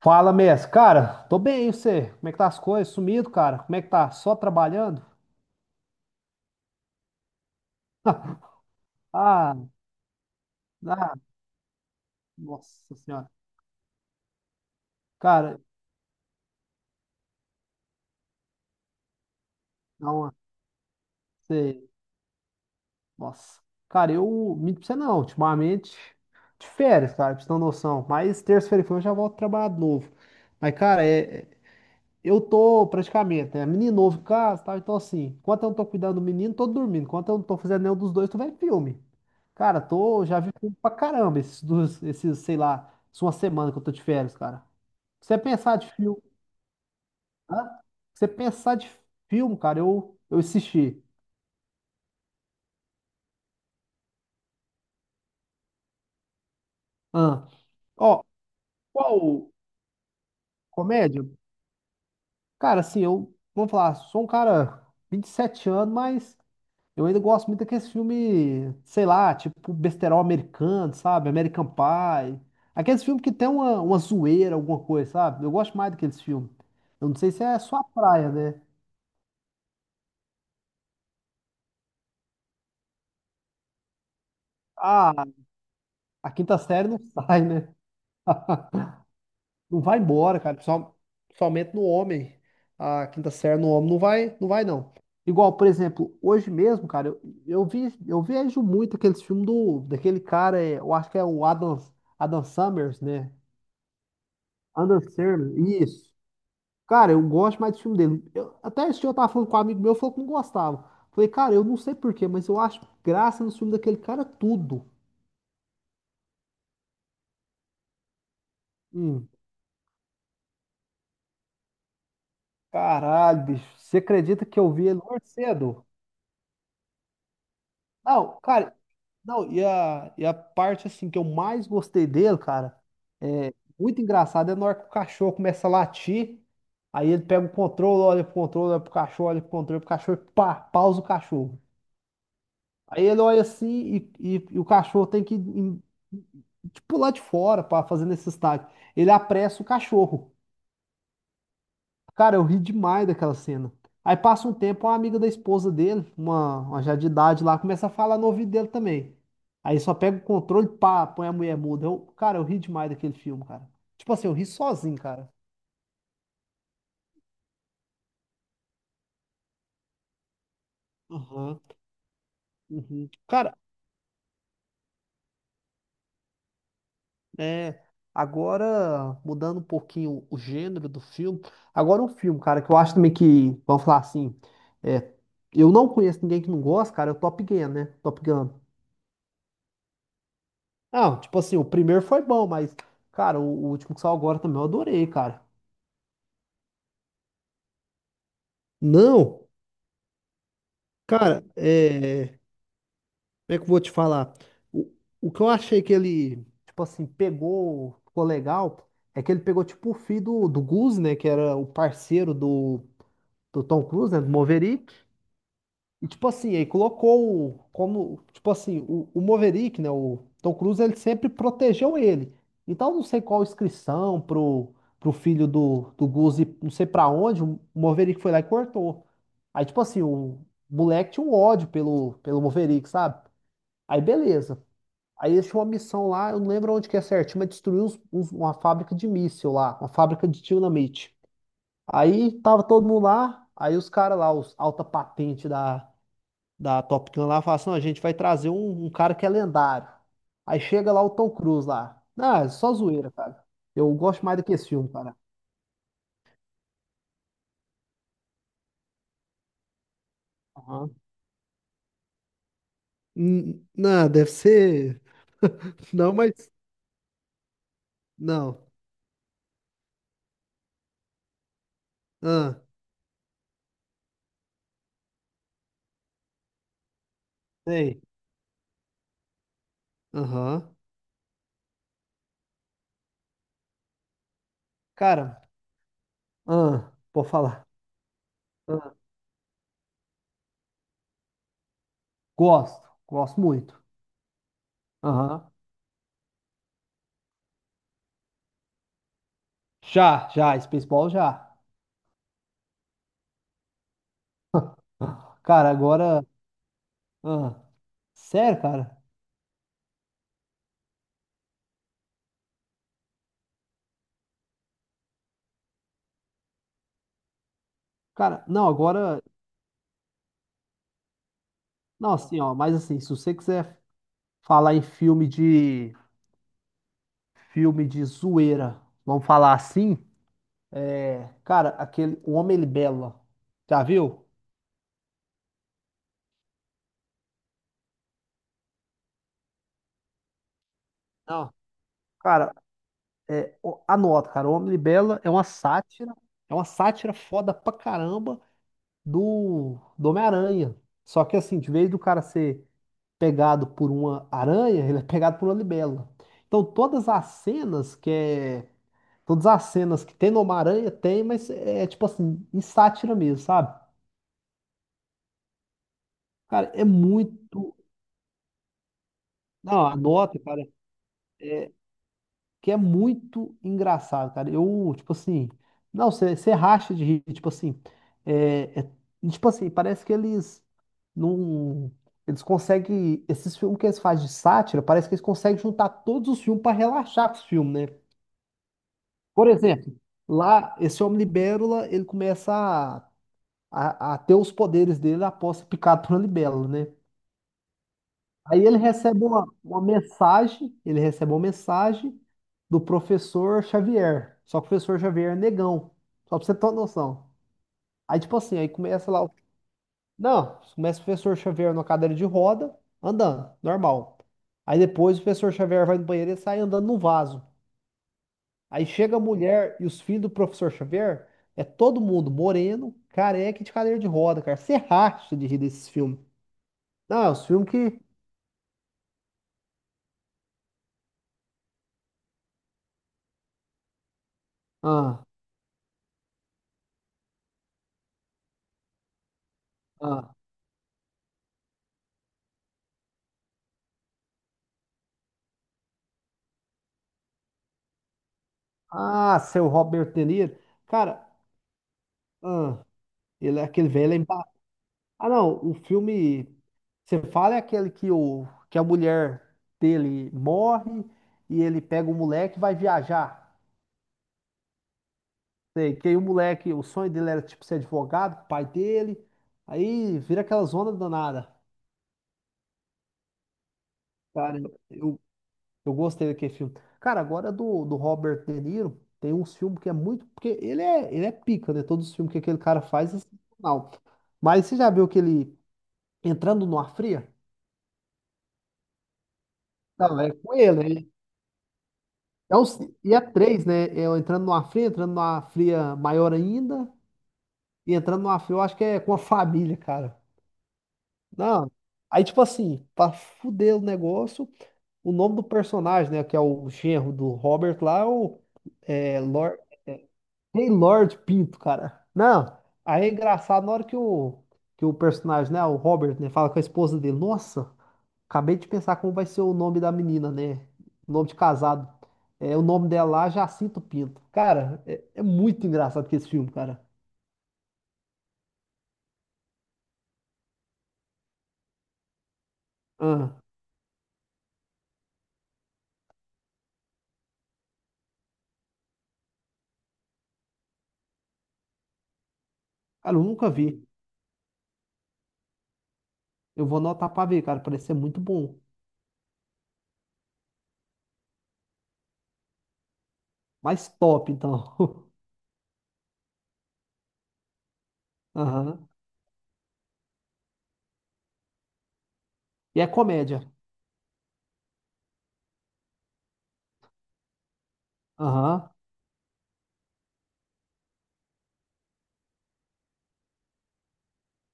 Fala, mestre. Cara, tô bem, e você? Como é que tá as coisas? Sumido, cara? Como é que tá? Só trabalhando? Ah, ah, nossa senhora. Cara, não, você, nossa. Cara, minto pra você não, ultimamente, de férias, cara, pra você ter uma noção. Mas terça-feira que vem eu já volto a trabalhar de novo. Mas, cara, eu tô praticamente, né? Menino novo em casa, tá? Então, assim, enquanto eu não tô cuidando do menino, tô dormindo. Enquanto eu não tô fazendo nenhum dos dois, tô vendo filme. Cara, tô, já vi filme pra caramba esses dois, esses, sei lá, isso é uma semana que eu tô de férias, cara. Se você pensar de filme, hã? Se você pensar de filme, cara, eu assisti. Hã? Ó, qual comédia? Cara, assim, eu, vamos falar, sou um cara 27 anos, mas eu ainda gosto muito daqueles filmes, sei lá, tipo besterol americano, sabe? American Pie. Aqueles filmes que tem uma zoeira, alguma coisa, sabe? Eu gosto mais daqueles filmes. Eu não sei se é sua praia, né? Ah, a quinta série não sai, né? Não vai embora, cara. Só, somente no homem. A quinta série no homem não vai, não. Igual, por exemplo, hoje mesmo, cara, eu vi, eu vejo muito aqueles filmes do, daquele cara, é, eu acho que é o Adam, Adam Summers, né? Adam Sandler, isso. Cara, eu gosto mais do filme dele. Eu- até esse dia eu tava falando com um amigo meu, falou que não gostava. Falei, cara, eu não sei por quê, mas eu acho graça no filme daquele cara tudo. Hum, caralho, bicho. Você acredita que eu vi ele mais cedo? Não, cara, não, e a parte assim que eu mais gostei dele, cara, é muito engraçado, é na hora que o cachorro começa a latir, aí ele pega o controle, olha pro cachorro, olha pro controle, pro cachorro, e pá, pausa o cachorro. Aí ele olha assim e o cachorro tem que em- tipo, pular de fora para fazer nesse estágio. Ele apressa o cachorro. Cara, eu ri demais daquela cena. Aí passa um tempo, uma amiga da esposa dele, uma já de idade lá, começa a falar no ouvido dele também. Aí só pega o controle, pá, põe a mulher muda. Eu, cara, eu ri demais daquele filme, cara. Tipo assim, eu ri sozinho, cara. Aham. Uhum. Cara, é, agora, mudando um pouquinho o gênero do filme, agora um filme, cara, que eu acho também que, vamos falar assim, é, eu não conheço ninguém que não gosta, cara, é o Top Gun, né? Top Gun. Não, tipo assim, o primeiro foi bom, mas, cara, o último que saiu agora também eu adorei, cara. Não, cara, é. Como é que eu vou te falar? O, o que eu achei que ele. Tipo assim, pegou, ficou legal, é que ele pegou, tipo, o filho do, do Goose, né, que era o parceiro do, do Tom Cruise, né, do Maverick. E, tipo assim, aí colocou o- como, tipo assim, o Maverick, né, o Tom Cruise, ele sempre protegeu ele. Então, não sei qual inscrição pro, pro filho do, do Goose, ir não sei pra onde, o Maverick foi lá e cortou. Aí, tipo assim, o moleque tinha um ódio pelo, pelo Maverick, sabe? Aí, beleza. Aí eles tinham uma missão lá, eu não lembro onde que é certinho, mas destruiu uns- uns- uma fábrica de míssil lá, uma fábrica de dinamite. Aí tava todo mundo lá, aí os caras lá, os alta patente da da Top Gun lá, fala assim, não, a gente vai trazer um, um cara que é lendário. Aí chega lá o Tom Cruise lá. Ah, é só zoeira, cara. Eu gosto mais do que esse filme, cara. Aham. Não, deve ser. Não, mas. Não. Ah, sei. Aham. Cara, ah, vou falar. Ah, gosto. Gosto muito. Aham. Já, já. Spaceball já. Cara, agora. Ah, sério, cara? Cara, não, agora. Não, assim, ó. Mas assim, se você quiser. Falar em filme de zoeira, vamos falar assim? É, cara, aquele O Homem Libela, já viu? Não. Cara, é, o- anota, cara, O Homem Libela é uma sátira foda pra caramba do, do Homem-Aranha. Só que assim, de vez do cara ser pegado por uma aranha, ele é pegado por uma libela. Então todas as cenas que é, todas as cenas que tem no Homem-Aranha tem, mas é tipo assim, em sátira mesmo, sabe? Cara, é muito. Não, anota, cara. É... que é muito engraçado, cara. Eu, tipo assim. Não, você racha de rir, tipo assim. É... é- e, tipo assim, parece que eles não. Eles conseguem. Esses filmes que eles fazem de sátira, parece que eles conseguem juntar todos os filmes para relaxar com os filmes, né? Por exemplo, lá, esse homem libélula, ele começa a, a ter os poderes dele após ser picado por uma libélula, né? Aí ele recebe uma mensagem, ele recebe uma mensagem do professor Xavier. Só que o professor Xavier é negão. Só pra você ter uma noção. Aí, tipo assim, aí começa lá. O- Não, começa o professor Xavier na cadeira de roda, andando, normal. Aí depois o professor Xavier vai no banheiro e sai andando no vaso. Aí chega a mulher e os filhos do professor Xavier, é todo mundo moreno, careca e de cadeira de roda, cara. Você racha de rir desses filmes. Não, é os filmes que. Ah, ah. Ah, seu Robert De Niro. Cara, ah, ele, é aquele velho é emba... Ah, não, o filme. Você fala é aquele que, o, que a mulher dele morre e ele pega o moleque e vai viajar. Sei, que aí o moleque, o sonho dele era tipo ser advogado, pai dele. Aí vira aquela zona danada. Cara, eu, Eu gostei daquele filme. Cara, agora do, do Robert De Niro, tem uns filmes que é muito. Porque ele é pica, né? Todos os filmes que aquele cara faz é sensacional. Mas você já viu aquele Entrando numa Fria? Não, é com ele. Né? É um, e é três, né? É o Entrando numa Fria maior ainda. E Entrando numa Fria, eu acho que é com a família, cara. Não. Aí, tipo assim, pra fuder o negócio, o nome do personagem, né? Que é o genro do Robert lá, é o. É, Lor- Hey Lord Pinto, cara. Não, aí é engraçado na hora que o personagem, né, o Robert, né, fala com a esposa dele. Nossa, acabei de pensar como vai ser o nome da menina, né? Nome de casado. É, o nome dela lá, Jacinto Pinto. Cara, é, é muito engraçado que esse filme, cara. Ah, cara, eu nunca vi. Eu vou anotar pra ver, cara. Parece ser muito bom. Mais top, então. Aham. E é comédia. Aham,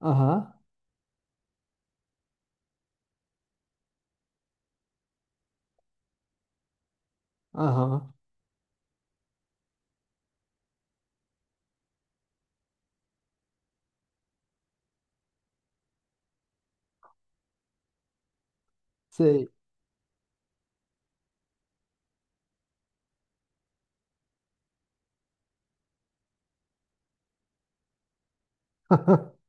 aham, aham. Sei.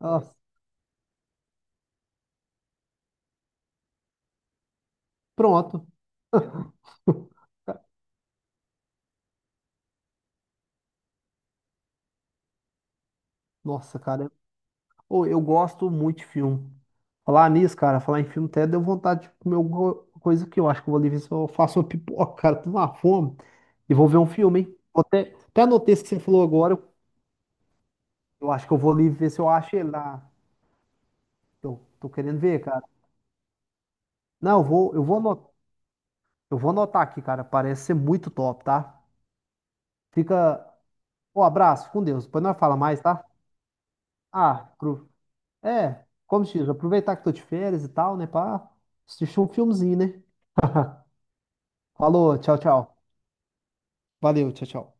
Nossa. Pronto. Nossa, cara. Ô, eu gosto muito de filme. Falar nisso, cara, falar em filme até deu vontade de comer alguma coisa que eu acho que eu vou ali ver se eu faço uma pipoca, cara. Tô numa fome e vou ver um filme, hein? Vou até, até anotei esse que você falou agora. Eu acho que eu vou ali ver se eu acho ele lá. Eu tô querendo ver, cara. Não, eu vou anotar aqui, cara. Parece ser muito top, tá? Fica. Um abraço, com Deus. Depois nós fala mais, tá? Ah, cru. É, como se diz, aproveitar que tô de férias e tal, né, pá, assistir um filmezinho, né? Falou, tchau, tchau. Valeu, tchau, tchau.